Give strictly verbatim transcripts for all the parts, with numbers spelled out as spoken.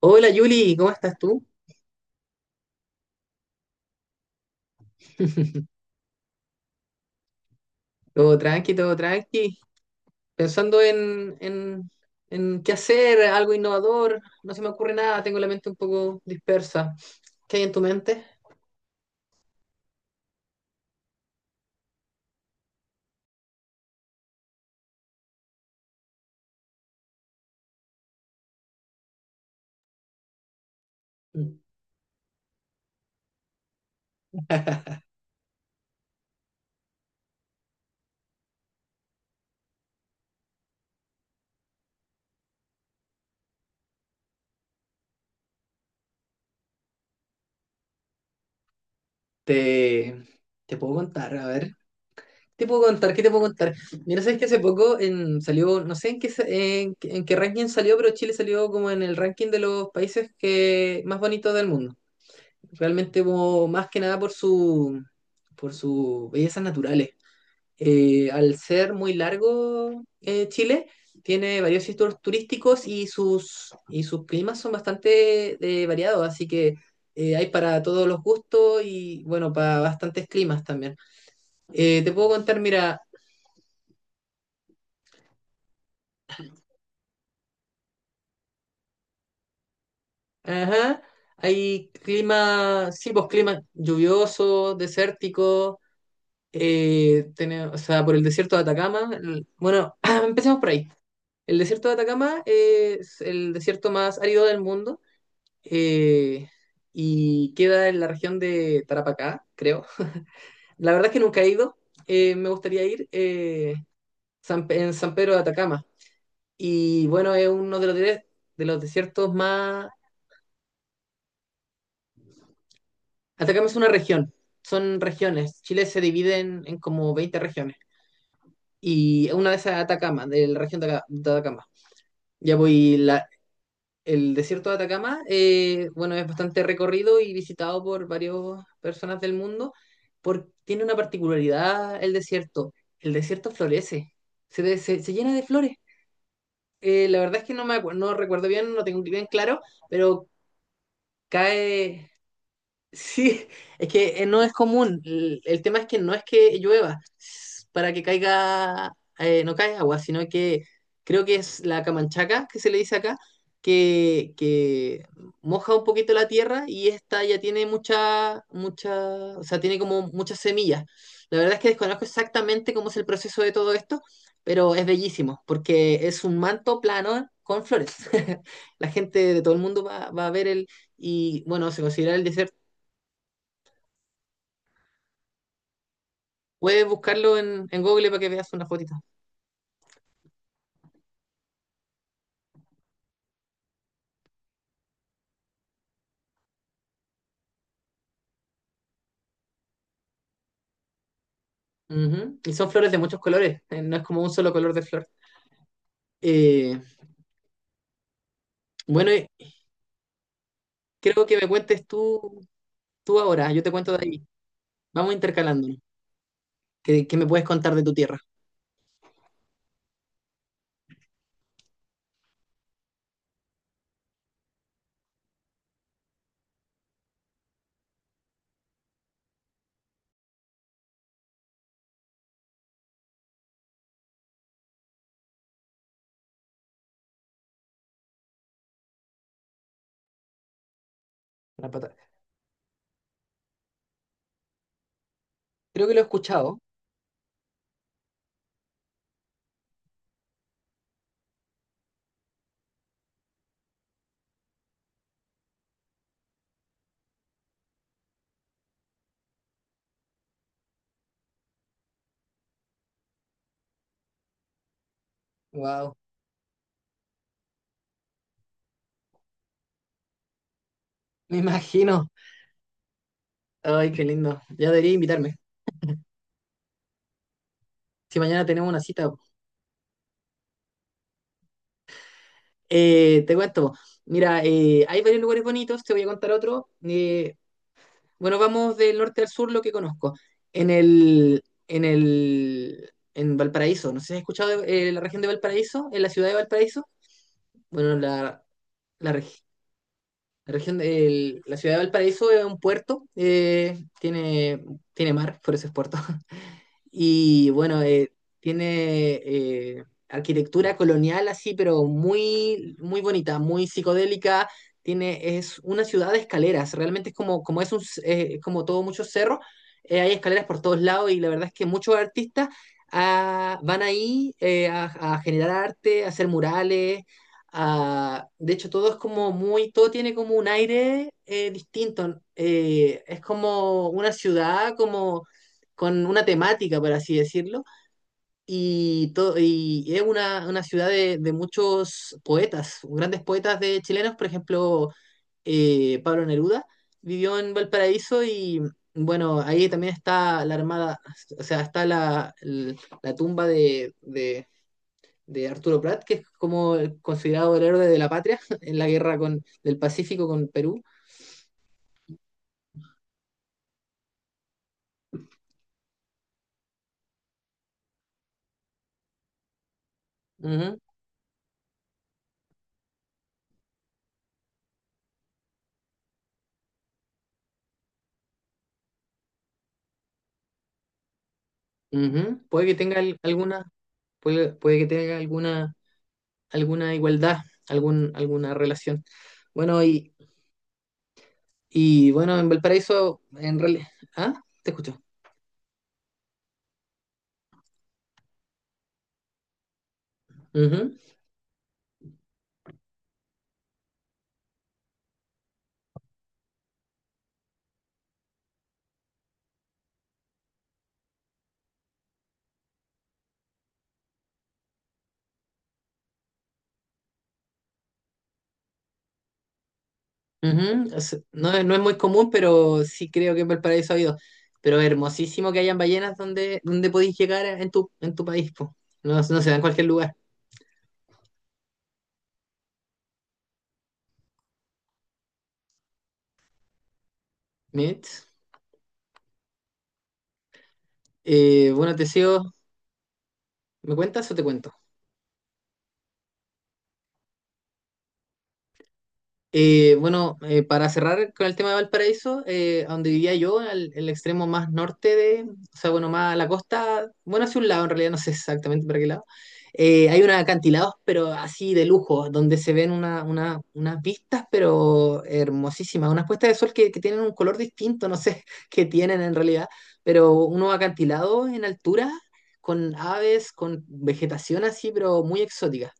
Hola Yuli, ¿cómo estás tú? Todo tranqui, todo tranqui. Pensando en, en, en qué hacer, algo innovador. No se me ocurre nada, tengo la mente un poco dispersa. ¿Qué hay en tu mente? Te, te puedo contar, a ver. ¿Te puedo contar? ¿Qué te puedo contar? Mira, sabes que hace poco en- salió, no sé en qué, sa- en, en qué ranking salió, pero Chile salió como en el ranking de los países que, más bonitos del mundo. Realmente como más que nada por su, por sus bellezas naturales. Eh, al ser muy largo eh, Chile, tiene varios sitios turísticos y sus, y sus climas son bastante eh, variados, así que eh, hay para todos los gustos y bueno, para bastantes climas también. Eh, te puedo contar, mira, ajá, hay clima, sí, pues clima lluvioso, desértico, eh, tiene- o sea, por el desierto de Atacama. El- bueno, empecemos por ahí. El desierto de Atacama es el desierto más árido del mundo eh, y queda en la región de Tarapacá, creo. La verdad es que nunca he ido, eh, me gustaría ir eh, San- en San Pedro de Atacama. Y bueno, es uno de los, de, de los desiertos más... Atacama es una región, son regiones. Chile se divide en, en como veinte regiones. Y una de esas es Atacama, de la región de, Aca- de Atacama. Ya voy, el desierto de Atacama, eh, bueno, es bastante recorrido y visitado por varias personas del mundo, porque tiene una particularidad el desierto. El desierto florece, se, de- se- se llena de flores. Eh, la verdad es que no me acu- no recuerdo bien, no lo tengo bien claro, pero cae, sí, es que eh, no es común. El, el tema es que no es que llueva s- para que caiga, eh, no cae agua, sino que creo que es la camanchaca que se le dice acá, que, que moja un poquito la tierra y esta ya tiene mucha, mucha, o sea, tiene como muchas semillas. La verdad es que desconozco exactamente cómo es el proceso de todo esto, pero es bellísimo porque es un manto plano con flores. La gente de todo el mundo va, va a ver el, y bueno, se considera el desierto. Puedes buscarlo en, en Google para que veas una fotito. Ujú. Y son flores de muchos colores, eh, no es como un solo color de flor. Eh, bueno, eh, Creo que me cuentes tú, tú ahora, yo te cuento de ahí. Vamos intercalándonos. ¿Qué, ¿qué me puedes contar de tu tierra? La pata- Creo que lo he escuchado. Wow, me imagino. Ay, qué lindo. Ya debería invitarme. Si mañana tenemos una cita. Eh, te cuento. Mira, eh, hay varios lugares bonitos, te voy a contar otro. Eh, Bueno, vamos del norte al sur, lo que conozco. En el, en el, en Valparaíso, no sé si has escuchado de- eh, la región de Valparaíso, en la ciudad de Valparaíso. Bueno, la, la, reg- la región del- la ciudad de Valparaíso es un puerto, eh, tiene, tiene mar, por eso es puerto. Y bueno, eh, tiene eh, arquitectura colonial así, pero muy, muy bonita, muy psicodélica. Tiene, es una ciudad de escaleras, realmente es como, como es un, c- eh, es como todo muchos cerros, eh, hay escaleras por todos lados y la verdad es que muchos artistas ah, van ahí eh, a, a generar arte, a hacer murales. Ah, de hecho, todo es como muy, todo tiene como un aire eh, distinto. Eh, es como una ciudad, como con una temática, por así decirlo. Y, to- y es una, una ciudad de, de muchos poetas, grandes poetas de chilenos. Por ejemplo, eh, Pablo Neruda vivió en Valparaíso y bueno, ahí también está la armada, o sea, está la, la tumba de, de de Arturo Prat, que es como considerado el héroe de la patria en la guerra con, del Pacífico con Perú. Uh -huh, uh -huh. Puede que tenga al- alguna, puede, puede, que tenga alguna, alguna igualdad, algún, alguna relación. Bueno, y, y bueno, en Valparaíso, en realidad. ¿Ah? Te escucho. Uh -huh, es, no, es, no es muy común, pero sí creo que en Valparaíso ha habido. Pero es hermosísimo que hayan ballenas donde, donde podéis llegar en tu, en tu país, po. No, no se da en cualquier lugar. ¿Mitch? Eh, bueno, Teseo, ¿me cuentas o te cuento? Eh, bueno, eh, para cerrar con el tema de Valparaíso, eh, a donde vivía yo, al, el extremo más norte de, o sea, bueno, más a la costa, bueno, hacia un lado en realidad, no sé exactamente para qué lado, eh, hay unos acantilados, pero así de lujo, donde se ven una, una- unas vistas, pero hermosísimas, unas puestas de sol que, que tienen un color distinto, no sé qué tienen en realidad, pero unos acantilados en altura, con aves, con vegetación así, pero muy exótica.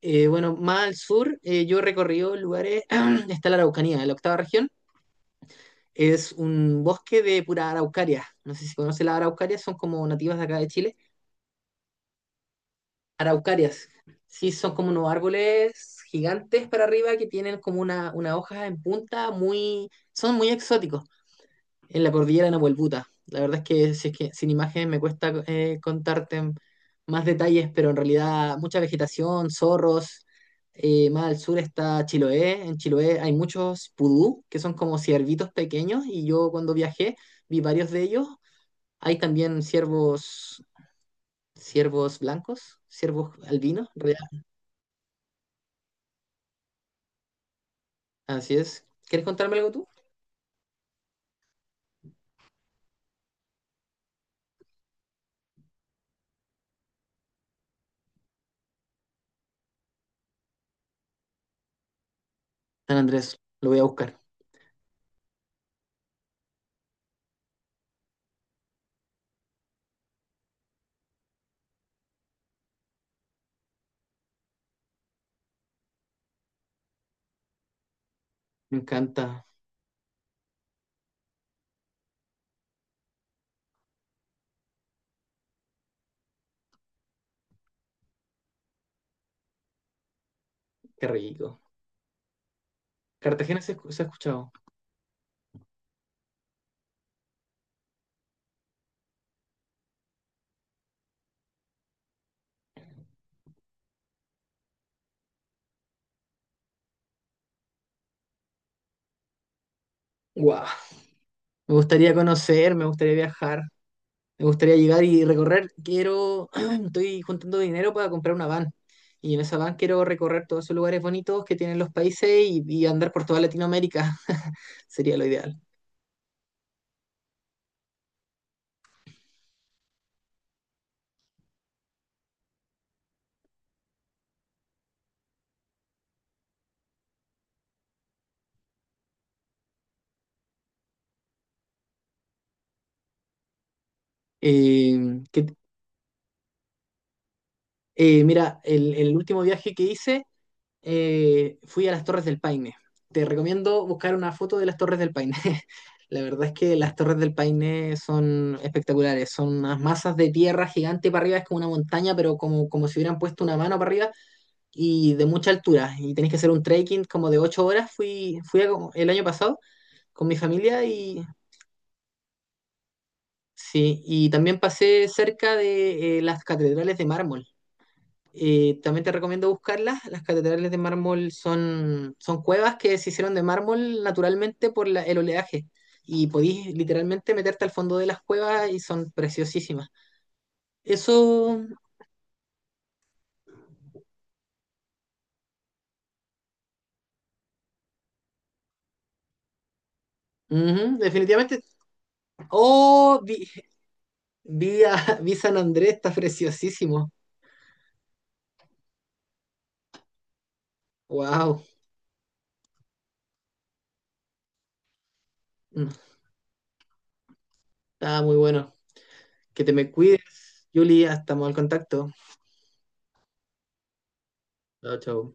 Eh, bueno, más al sur, eh, yo he recorrido lugares, está la Araucanía, la octava región, es un bosque de pura araucaria. No sé si conoce las araucarias, son como nativas de acá de Chile. Araucarias, sí, son como unos árboles gigantes para arriba que tienen como una, una hoja en punta, muy, son muy exóticos. En la cordillera de Nahuelbuta. La verdad es que, si es que sin imágenes me cuesta eh, contarte más detalles, pero en realidad mucha vegetación, zorros. Eh, más al sur está Chiloé. En Chiloé hay muchos pudú, que son como ciervitos pequeños, y yo cuando viajé vi varios de ellos. Hay también ciervos, ciervos blancos, ciervos albinos, en realidad. Así es. ¿Quieres contarme algo tú? San Andrés, lo voy a buscar. Me encanta. Qué rico. Cartagena se, se ha escuchado. ¡Guau! Me gustaría conocer, me gustaría viajar, me gustaría llegar y recorrer. Quiero, estoy juntando dinero para comprar una van. Y en esa van quiero recorrer todos esos lugares bonitos que tienen los países y, y andar por toda Latinoamérica. Sería lo ideal. Eh, que- eh, Mira, el, el último viaje que hice eh, fui a las Torres del Paine. Te recomiendo buscar una foto de las Torres del Paine. La verdad es que las Torres del Paine son espectaculares, son unas masas de tierra gigante para arriba, es como una montaña, pero como, como si hubieran puesto una mano para arriba y de mucha altura. Y tenés que hacer un trekking como de ocho horas. Fui, fui a- el año pasado con mi familia y sí, y también pasé cerca de eh, las catedrales de mármol. Y también te recomiendo buscarlas. Las catedrales de mármol son, son cuevas que se hicieron de mármol naturalmente por la- el oleaje. Y podís literalmente meterte al fondo de las cuevas y son preciosísimas. Eso, ujú, definitivamente. Oh, vi, vi, a- vi San Andrés, está preciosísimo. Wow, está muy bueno. Que te me cuides, Julia, estamos al contacto. Chao, chao.